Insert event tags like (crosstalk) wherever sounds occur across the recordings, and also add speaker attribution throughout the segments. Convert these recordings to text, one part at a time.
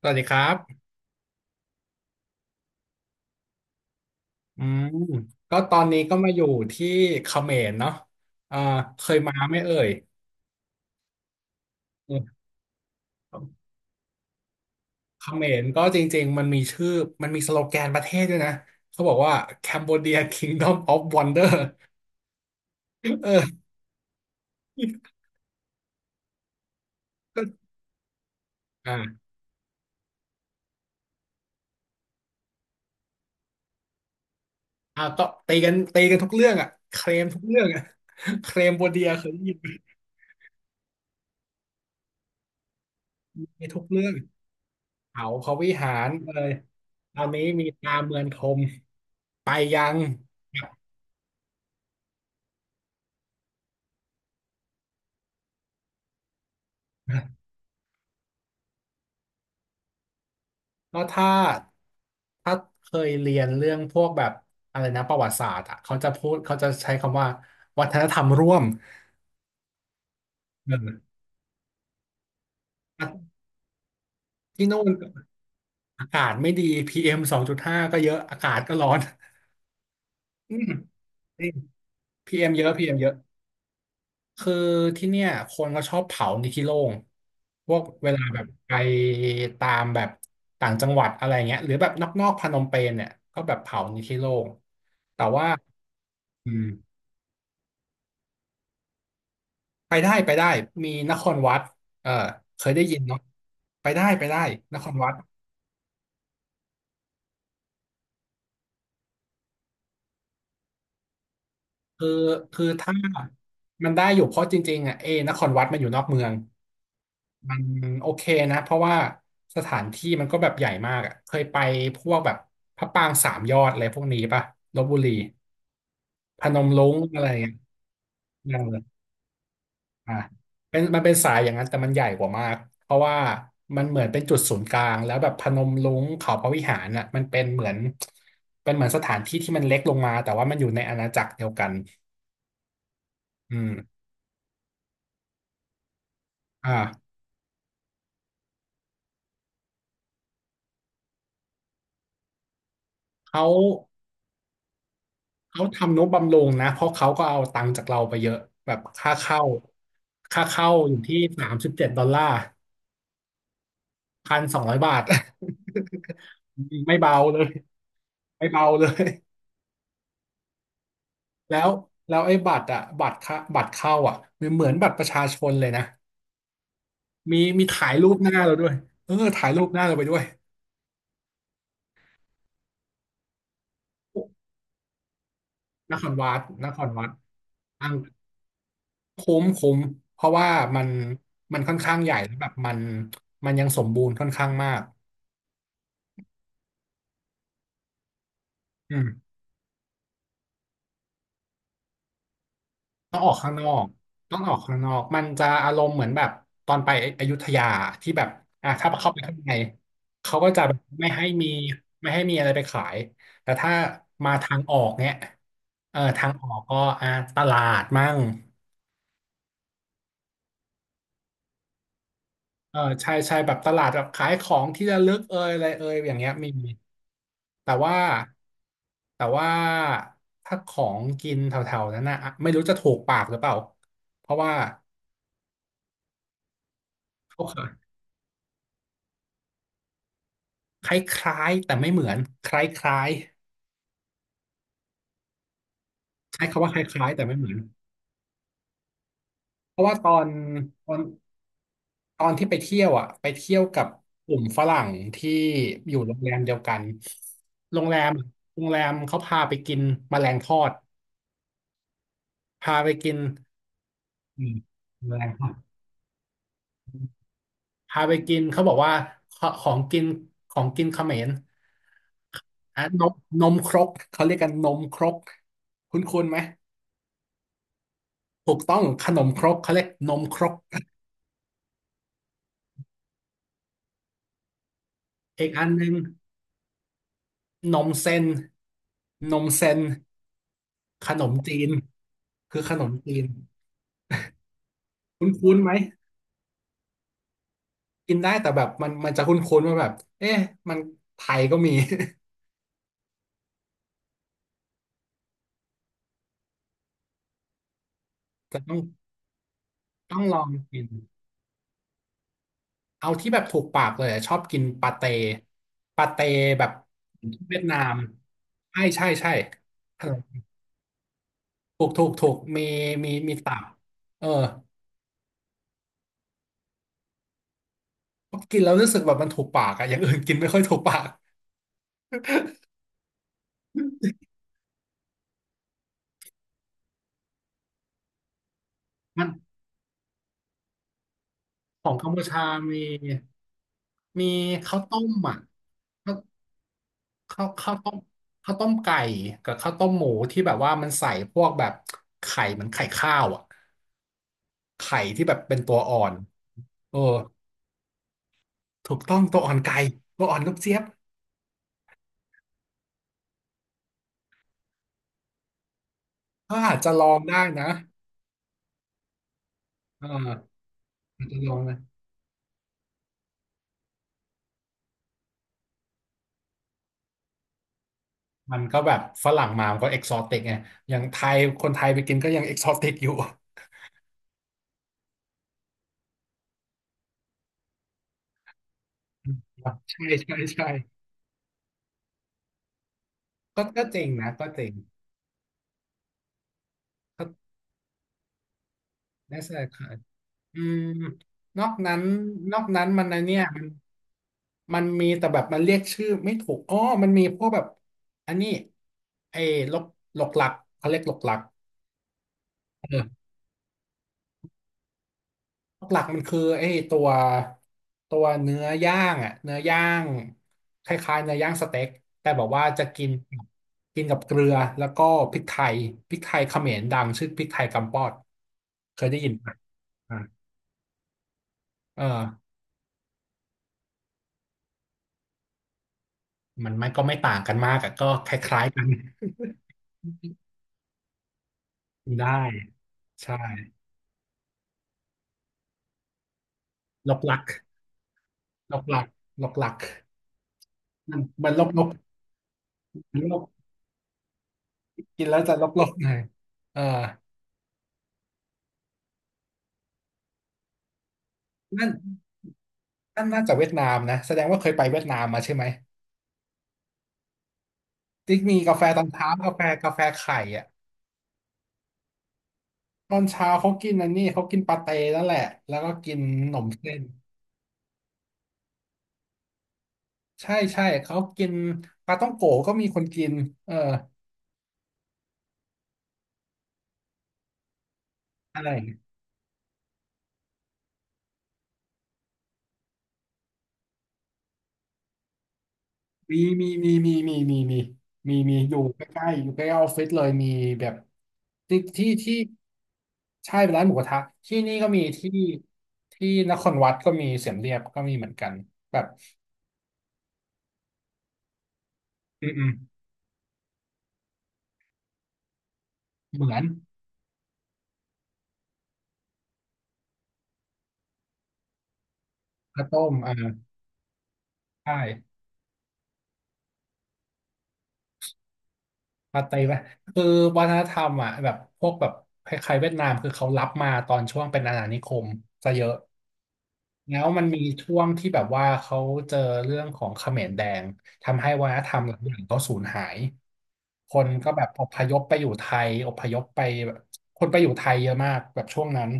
Speaker 1: สวัสดีครับอืมก็ตอนนี้ก็มาอยู่ที่เขมรเนาะอ่าเคยมาไหมเอ่ยเออเขมรก็จริงๆมันมีชื่อ มันมีสโลแกนประเทศด้วยนะ เขาบอกว่า Cambodia Kingdom of Wonder เออก็อ่าอ่าก็ตีกันตีกันทุกเรื่องอ่ะเคลมทุกเรื่องอ่ะเคลมโบเดียเคยได้ยินไหมมีทุกเรื่อง เขาพระวิหารเลยตอนนี้มีตาเมืองคม ไปยัง ก็ถ้าเคยเรียนเรื่องพวกแบบอะไรนะประวัติศาสตร์อ่ะเขาจะพูดเขาจะใช้คำว่าวัฒนธรรมร่วมเออ่ที่โน่นอากาศไม่ดีพีเอม2.5ก็เยอะอากาศก็ร้อน (laughs) อืมจริงพีเอมเยอะพีเอมเยอะคือที่เนี่ยคนก็ชอบเผาในที่โล่งพวกเวลาแบบไปตามแบบต่างจังหวัดอะไรเงี้ยหรือแบบนอกๆพนมเปญเนี่ยก็แบบเผาในที่โล่งแต่ว่าอืม ไปได้ไปได้มีนครวัดเออเคยได้ยินเนาะไปได้ไปได้นครวัดคือคือถ้ามันได้อยู่เพราะจริงๆอ่ะเอนครวัดมันอยู่นอกเมืองมันโอเคนะเพราะว่าสถานที่มันก็แบบใหญ่มากอ่ะเคยไปพวกแบบพระปรางสามยอดอะไรพวกนี้ป่ะลพบุรีพนมรุ้งอะไรอย่างเงี้ย อ่ะเป็นมันเป็นสายอย่างนั้นแต่มันใหญ่กว่ามากเพราะว่ามันเหมือนเป็นจุดศูนย์กลางแล้วแบบพนมรุ้งเขาพระวิหารน่ะมันเป็นเหมือนเป็นเหมือนสถานที่ที่มันเล็กลงมาแต่ว่ามันอยู่ในอาณาจักรเดียวกันอืมอ่าเขาเขาทำนุบำรุงนะเพราะเขาก็เอาตังค์จากเราไปเยอะแบบค่าเข้าค่าเข้าอยู่ที่$371,200 บาท (laughs) ไม่เบาเลยไม่เบาเลย แล้วแล้วไอ้บัตรอะบัตรเข้าบัตรเข้าอะมันเหมือนบัตรประชาชนเลยนะมีถ่ายรูปหน้าเราด้วยเออถ่ายรูปหน้าเราไปด้วยนครวัดนครวัดอังคุ้มคุ้มเพราะว่ามันค่อนข้างใหญ่แล้วแบบมันยังสมบูรณ์ค่อนข้างมากอืม ต้องออกข้างนอกต้องออกข้างนอก มันจะอารมณ์เหมือนแบบตอนไปอยุธยาที่แบบอ่ะถ้าเข้าไปข้างในเขาก็จะแบบไม่ให้มีไม่ให้มีอะไรไปขายแต่ถ้ามาทางออกเนี่ยเออทางออกก็อ่ะตลาดมั่งเออใช่ใช่แบบตลาดแบบขายของที่ระลึกเอยอะไรเอยอย่างเงี้ยมีแต่ว่าแต่ว่าถ้าของกินแถวๆนั้นนะอ่ะไม่รู้จะถูกปากหรือเปล่าเพราะว่าเขาขาย คล้ายๆแต่ไม่เหมือนคล้ายๆใช้คำว่าคล้ายๆแต่ไม่เหมือนเพราะว่าตอนตอนตอนที่ไปเที่ยวอ่ะไปเที่ยวกับกลุ่มฝรั่งที่อยู่โรงแรมเดียวกันโรงแรมโรงแรมเขาพาไปกินแมลงทอดพาไปกินอืมแมลงทอดพาไปกินเขาบอกว่าของกินของกินเขมรอ่ะนมนมครกเขาเรียกกันนมครกคุ้นๆไหมถูกต้องขนมครกเขาเรียกนมครกอีกอันหนึ่ง นมเส้นนมเส้นขนมจีน คือขนมจีนคุ้นๆไหมกินได้แต่แบบมันจะคุ้นๆว่าแบบเอ๊ะมันไทยก็มี (laughs) แต่ต้องลองกินเอาที่แบบถูกปากเลยอะชอบกินปาเต้ปาเต้แบบเวียดนามใช่ใช่ใช่ขนมถูกถูกถูกมีมีตับเออกินแล้วรู้สึกแบบมันถูกปากอะอย่างอื่นกินไม่ค่อยถูกปากมันของกัมพูชามี มีข้าวต้มอ่ะข้าวข้าวต้มข้าวต้มไก่กับข้าวต้มหมูที่แบบว่ามันใส่พวกแบบไข่เหมือนไข่ข้าวอ่ะไข่ที่แบบเป็นตัวอ่อนเออถูกต้องตัวอ่อนไก่ตัวอ่อนลูกเจี๊ยบก็อาจจะลองได้นะอ่าอาจจะลองนะมันก็แบบฝรั่งมามันก็เอกซอติกไงอย่างไทยคนไทยไปกินก็ยังเอกซอติกอยู่ (laughs) ใช่ใช่ใช่ก็จริงนะก็จริงก็น่าสนใจ อืมนอกนั้นนอกนั้นมันในะเนี่ยมันมีแต่แบบมันเรียกชื่อไม่ถูกอ๋อมันมีพวกแบบอันนี้ไอ้ลกหลกหลักเขาเรียกหลกหลักเออหลกหลักมันคือไอ้ตัวตัวเนื้อย่างอ่ะเนื้อย่างคล้ายๆเนื้อย่างสเต็กแต่บอกว่าจะกินกินกับเกลือแล้วก็พริกไทยพริกไทยเขมรดังชื่อพริกไทยกำปอดเคยได้ยินไหมอ่าเออมันก็ไม่ต่างกันมากอะก็คล้ายๆกัน ได้ใช่ลบหลักลบหลักลบหลักมันลบลบมันลบกินแล้วจะลบลบหน่อยเออนั่นนั่นน่าจะเวียดนามนะแสดงว่าเคยไปเวียดนามมาใช่ไหมที่มีกาแฟตอนเช้ากาแฟกาแฟไข่อ่ะตอนเช้าเขากินอันนี้เขากินปาเต้นั่นแหละแล้วก็กินขนมเส้นใช่ใช่เขากินปลาต้องโกะก็มีคนกินเอออะไร มีมีมีอยู่ใกล้ๆอยู่ใกล้ออฟฟิศเลยมีแบบที่ใช่เป็นร้านหมูกระทะที่นี่ก็มีที่ที่นครวัดก็มีเสียมเรียบก็มีเหมือนกันแบบอืมอืมเหมือนข้าวต้มอ่าใช่ ปาเต้ไหคือวัฒนธรรมอ่ะแบบพวกแบบคล้ายๆเวียดนามคือเขารับมาตอนช่วงเป็นอาณานิคมซะเยอะแล้วมันมีช่วงที่แบบว่าเขาเจอเรื่องของเขมรแดงทำให้วัฒนธรรมหลายอย่างก็สูญหายคนก็แบบอพยพไปอยู่ไทยอพยพไปแบบคนไปอยู่ไทยเยอะมากแบบช่วงนั้น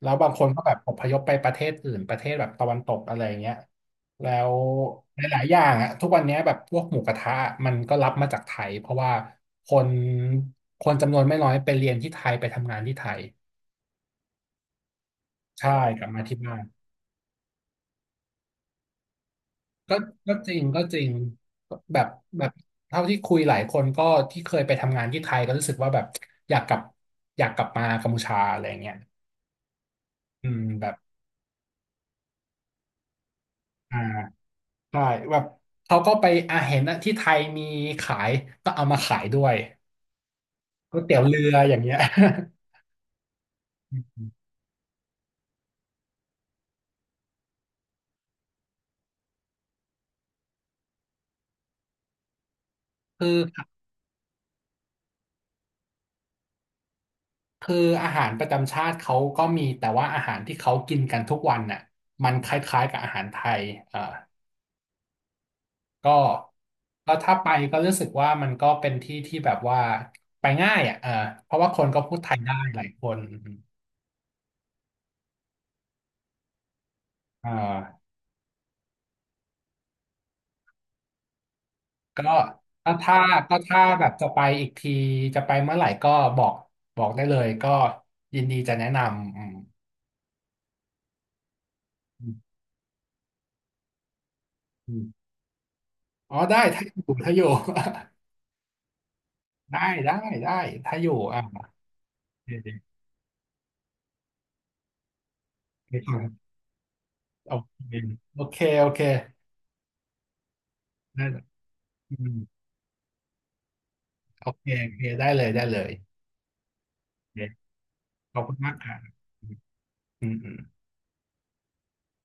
Speaker 1: แล้วบางคนก็แบบอพยพไปประเทศอื่นประเทศแบบตะวันตกอะไรอย่างเงี้ย แล้วหลายๆอย่างอะทุกวันเนี้ยแบบพวกหมูกระทะมันก็รับมาจากไทยเพราะว่าคนคนจำนวนไม่น้อยไปเรียนที่ไทยไปทำงานที่ไทยใช่กลับมาที่บ้านก็ก็จริงก็จริงแบบแบบเท่าที่คุยหลายคนก็ที่เคยไปทำงานที่ไทยก็รู้สึกว่าแบบอยากกลับอยากกลับมากัมพูชาอะไรเงี้ยอืมแบบอ่าใช่แบบเขาก็ไปอาเห็นอะที่ไทยมีขายก็เอามาขายด้วยก๋วยเตี๋ยวเรืออย่างเงี้ย (laughs) คือ คืออาหารประจำชาติเขาก็มีแต่ว่าอาหารที่เขากินกันทุกวันน่ะมันคล้ายๆกับอาหารไทยเอ่อก็ก็ถ้าไปก็รู้สึกว่ามันก็เป็นที่ที่แบบว่าไปง่ายอ่ะเออเพราะว่าคนก็พูดไทยได้หลายคนเออก็ก็ถ้าก็ถ้าแบบจะไปอีกทีจะไปเมื่อไหร่ก็บอกบอกได้เลยก็ยินดีจะแนะนำอืมอืมอืมอ๋อได้ถ้าอยู่ (laughs) ได้ได้ได้ถ้าอยู่อ่ะโอเค โอเคโอเคโอเคได้อืมโอเคโอเคได้เลยได้เลยโอเคขอบคุณมากค่ะอืมอืม